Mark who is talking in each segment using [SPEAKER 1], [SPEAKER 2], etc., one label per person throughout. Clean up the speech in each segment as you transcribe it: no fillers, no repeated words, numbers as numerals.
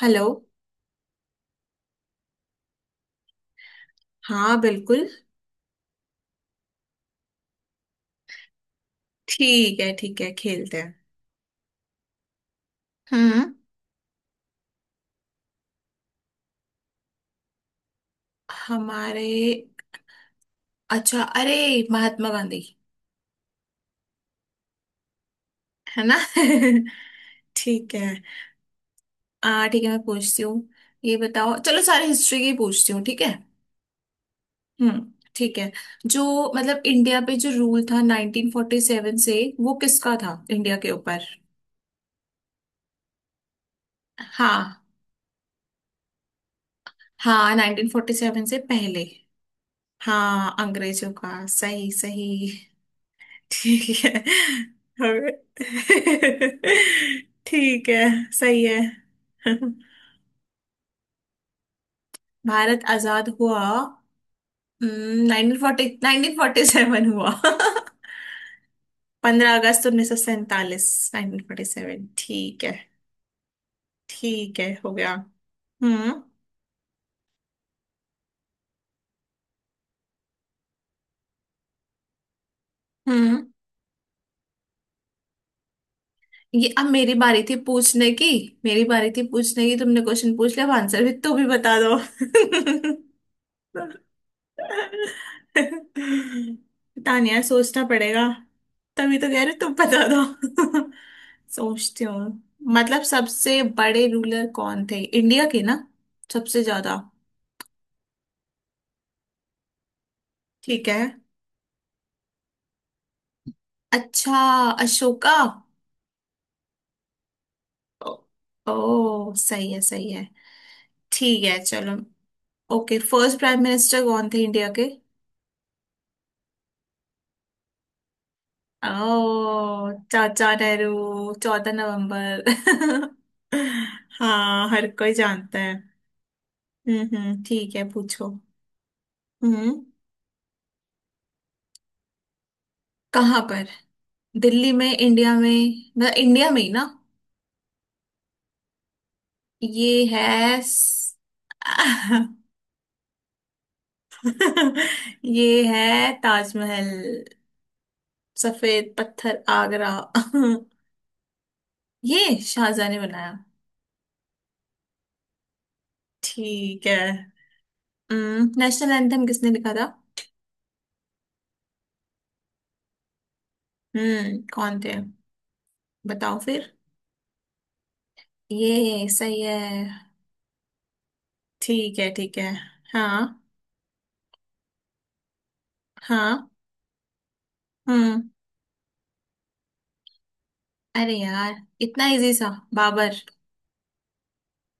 [SPEAKER 1] Hello. हाँ, बिल्कुल। ठीक है, ठीक है, खेलते हैं। हम्म हमारे, अच्छा, अरे, महात्मा गांधी। है ना ठीक है। आ ठीक है, मैं पूछती हूँ। ये बताओ, चलो सारे हिस्ट्री की पूछती हूँ, ठीक है। हम्म, ठीक है। जो, मतलब इंडिया पे जो रूल था 1947 से वो किसका था इंडिया के ऊपर। हाँ। हाँ, 1947 से पहले। हाँ, अंग्रेजों का। सही सही। ठीक है। और ठीक है। सही है। भारत आजाद हुआ नाइनटीन फोर्टी सेवन हुआ 15 अगस्त 1947। 1947। ठीक है। ठीक है, हो गया। हम्म हम्म। ये अब मेरी बारी थी पूछने की। मेरी बारी थी पूछने की, तुमने क्वेश्चन पूछ लिया, अब आंसर भी तू भी बता दो। पता नहीं यार, सोचना पड़ेगा। तभी तो कह रहे, तुम बता दो। सोचती हूँ। मतलब सबसे बड़े रूलर कौन थे इंडिया के ना। सबसे ज्यादा। ठीक है। अच्छा, अशोका। ओ, ओ सही है, सही है। ठीक है, चलो। ओके, फर्स्ट प्राइम मिनिस्टर कौन थे इंडिया के। ओ चाचा नेहरू। 14 नवंबर हाँ, हर कोई जानता है। हम्म, ठीक है, पूछो। हम्म, कहाँ पर? दिल्ली में, इंडिया में, मतलब इंडिया में ही ना? ये है स- ये है ताजमहल। सफेद पत्थर, आगरा। ये शाहजहां ने बनाया। ठीक है। हम्म, नेशनल एंथम किसने लिखा था? हम्म, कौन थे? बताओ फिर। ये सही है। ठीक है, ठीक है। हाँ। हाँ। हम्म, अरे यार, इतना इजी सा। बाबर।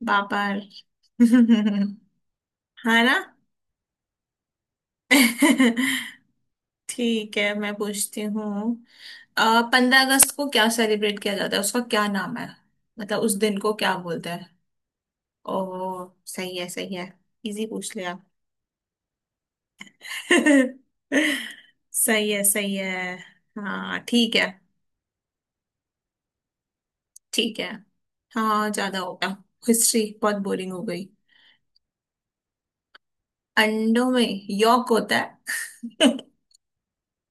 [SPEAKER 1] बाबर। हाँ ना ठीक है, मैं पूछती हूँ। 15 अगस्त को क्या सेलिब्रेट किया जाता है, उसका क्या नाम है? मतलब उस दिन को क्या बोलते हैं? ओह, सही है, सही है। इजी पूछ लिया। सही है, सही है। हाँ, ठीक है। ठीक है। हाँ, ज्यादा हो गया। हिस्ट्री बहुत बोरिंग हो गई। अंडों में यॉक होता है।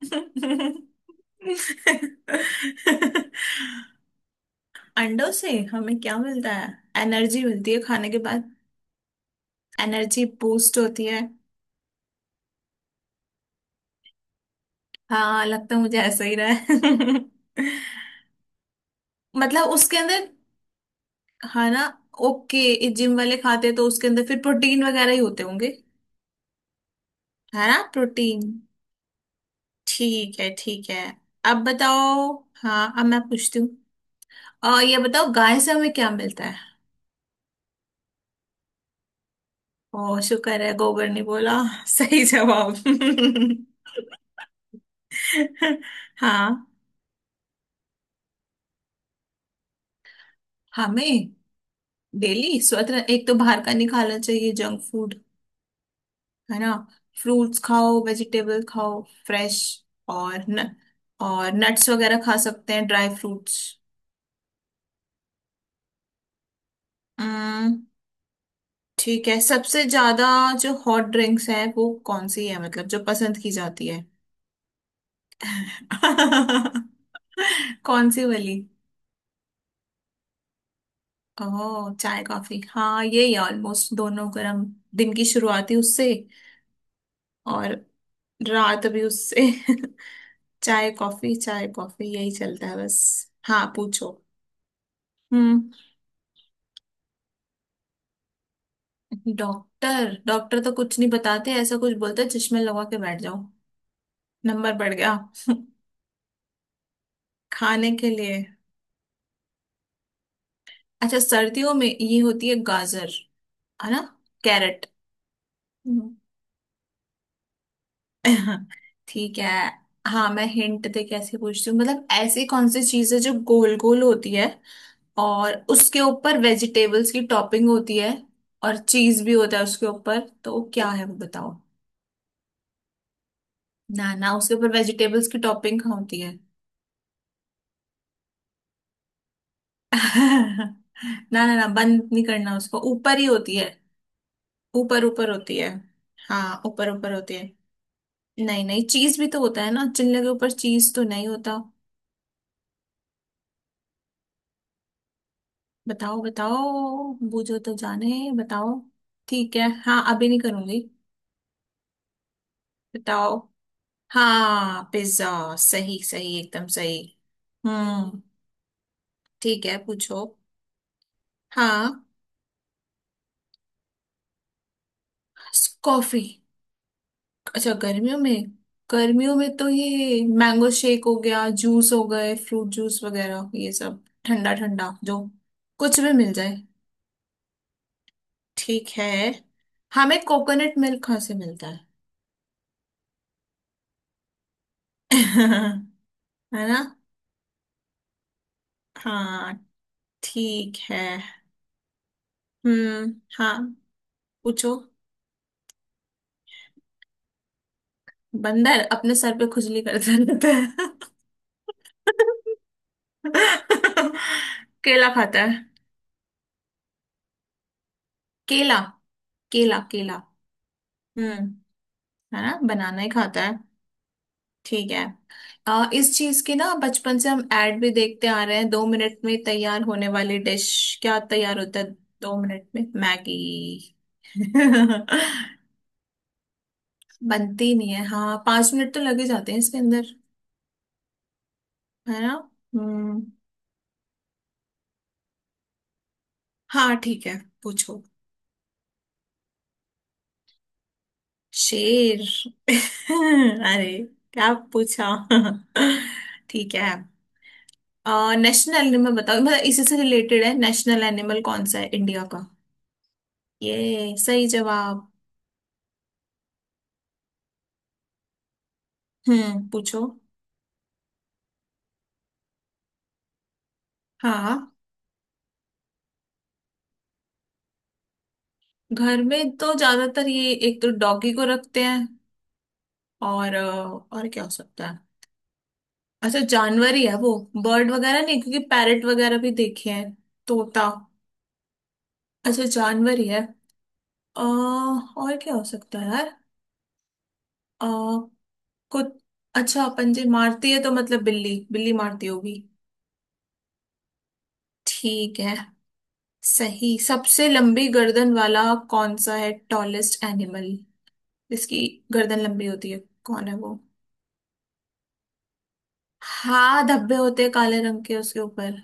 [SPEAKER 1] अंडों से हमें क्या मिलता है? एनर्जी मिलती है खाने के बाद। एनर्जी बूस्ट होती है। हाँ, लगता है मुझे ऐसा ही रहा है मतलब उसके अंदर, है ना? ओके, जिम वाले खाते हैं तो उसके अंदर फिर प्रोटीन वगैरह ही होते होंगे, है ना? प्रोटीन। ठीक है, ठीक है। अब बताओ। हाँ, अब मैं पूछती हूँ। और ये बताओ, गाय से हमें क्या मिलता है? ओ शुक्र है गोबर ने बोला सही जवाब। हाँ। हमें डेली स्वतः एक तो बाहर का नहीं खाना चाहिए, जंक फूड, है ना? फ्रूट्स खाओ, वेजिटेबल खाओ, फ्रेश। और न, और नट्स वगैरह खा सकते हैं, ड्राई फ्रूट्स। हम्म, ठीक है। सबसे ज्यादा जो हॉट ड्रिंक्स है वो कौन सी है, मतलब जो पसंद की जाती है। कौन सी वाली? ओह, चाय कॉफी, हाँ, ये ही ऑलमोस्ट, दोनों गर्म। दिन की शुरुआत ही उससे। और रात भी उससे चाय कॉफी, चाय कॉफी, यही चलता है बस। हाँ, पूछो। हम्म, डॉक्टर डॉक्टर तो कुछ नहीं बताते, ऐसा कुछ बोलते चश्मे लगा के बैठ जाओ, नंबर बढ़ गया। खाने के लिए? अच्छा, सर्दियों में ये होती है, गाजर, है ना? कैरेट। हम्म। ठीक है। हाँ, मैं हिंट दे के ऐसे पूछती हूँ। मतलब ऐसी कौन सी चीज है जो गोल गोल होती है, और उसके ऊपर वेजिटेबल्स की टॉपिंग होती है, और चीज भी होता है उसके ऊपर, तो वो क्या है वो बताओ। ना ना, उसके ऊपर वेजिटेबल्स की टॉपिंग होती है। ना ना ना, बंद नहीं करना, उसको ऊपर ही होती है। ऊपर ऊपर होती है। हाँ, ऊपर ऊपर होती है। नहीं नहीं, चीज भी तो होता है ना, चिल्ले के ऊपर चीज तो नहीं होता। बताओ, बताओ। बूझो तो जाने, बताओ। ठीक है, हाँ, अभी नहीं करूंगी। बताओ। हाँ, पिज्जा। सही सही, एकदम सही। हम्म, ठीक है, पूछो। हाँ, कॉफी। अच्छा, गर्मियों में? गर्मियों में तो ये मैंगो शेक हो गया, जूस हो गए, फ्रूट जूस वगैरह, ये सब ठंडा ठंडा जो कुछ भी मिल जाए। ठीक है। हमें कोकोनट मिल्क कहाँ से मिलता है? है ना? हाँ, ठीक है। हम्म, हाँ, पूछो। बंदर अपने सर पे खुजली करता रहता है। केला खाता है। केला, केला, केला। हम्म। है ना, बनाना ही खाता है। ठीक है। इस चीज की ना बचपन से हम ऐड भी देखते आ रहे हैं, 2 मिनट में तैयार होने वाली डिश। क्या तैयार होता है? 2 मिनट में मैगी। बनती नहीं है, हाँ, 5 मिनट तो लगे जाते हैं इसके अंदर, है ना? हम्म। हाँ, ठीक है, पूछो। शेर। अरे, क्या पूछा ठीक है। नेशनल एनिमल बताओ, मतलब इसी से रिलेटेड है, नेशनल एनिमल कौन सा है इंडिया का? ये सही जवाब। हम्म, पूछो। हाँ, घर में तो ज्यादातर ये एक तो डॉगी को रखते हैं। और और क्या हो सकता है? अच्छा, जानवर ही है वो? बर्ड वगैरह नहीं, क्योंकि पैरट वगैरह भी देखे हैं। तोता। अच्छा, जानवर ही है। और क्या हो सकता है यार? अ, कुछ, अच्छा पंजे मारती है तो मतलब बिल्ली, बिल्ली मारती होगी। ठीक है। सही, सबसे लंबी गर्दन वाला कौन सा है, टॉलेस्ट एनिमल, जिसकी गर्दन लंबी होती है, कौन है वो? हाँ, धब्बे होते हैं काले रंग के उसके ऊपर।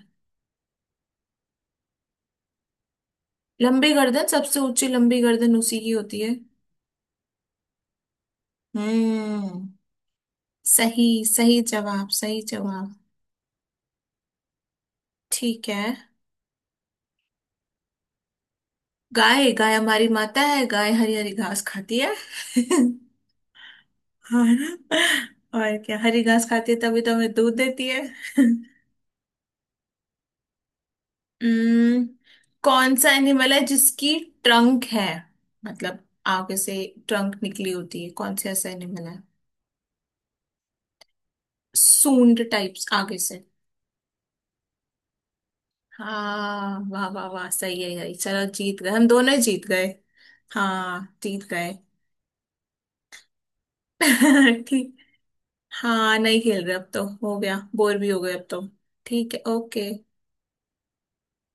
[SPEAKER 1] लंबी गर्दन, सबसे ऊंची लंबी गर्दन उसी की होती है। हम्म, सही सही जवाब, सही जवाब। ठीक है। गाय, गाय हमारी माता है, गाय हरी हरी घास खाती है और और क्या, हरी घास खाती है तभी तो हमें दूध देती है। हम्म, कौन सा एनिमल है जिसकी ट्रंक है, मतलब आगे से ट्रंक निकली होती है, कौन सा ऐसा एनिमल है? सूंड टाइप्स आगे से। हाँ, वाह वाह वाह, सही है, यही, चलो जीत गए, हम दोनों ही जीत गए। हाँ, जीत गए। ठीक। हाँ, नहीं खेल रहे अब तो, हो गया, बोर भी हो गए अब तो। ठीक है, ओके।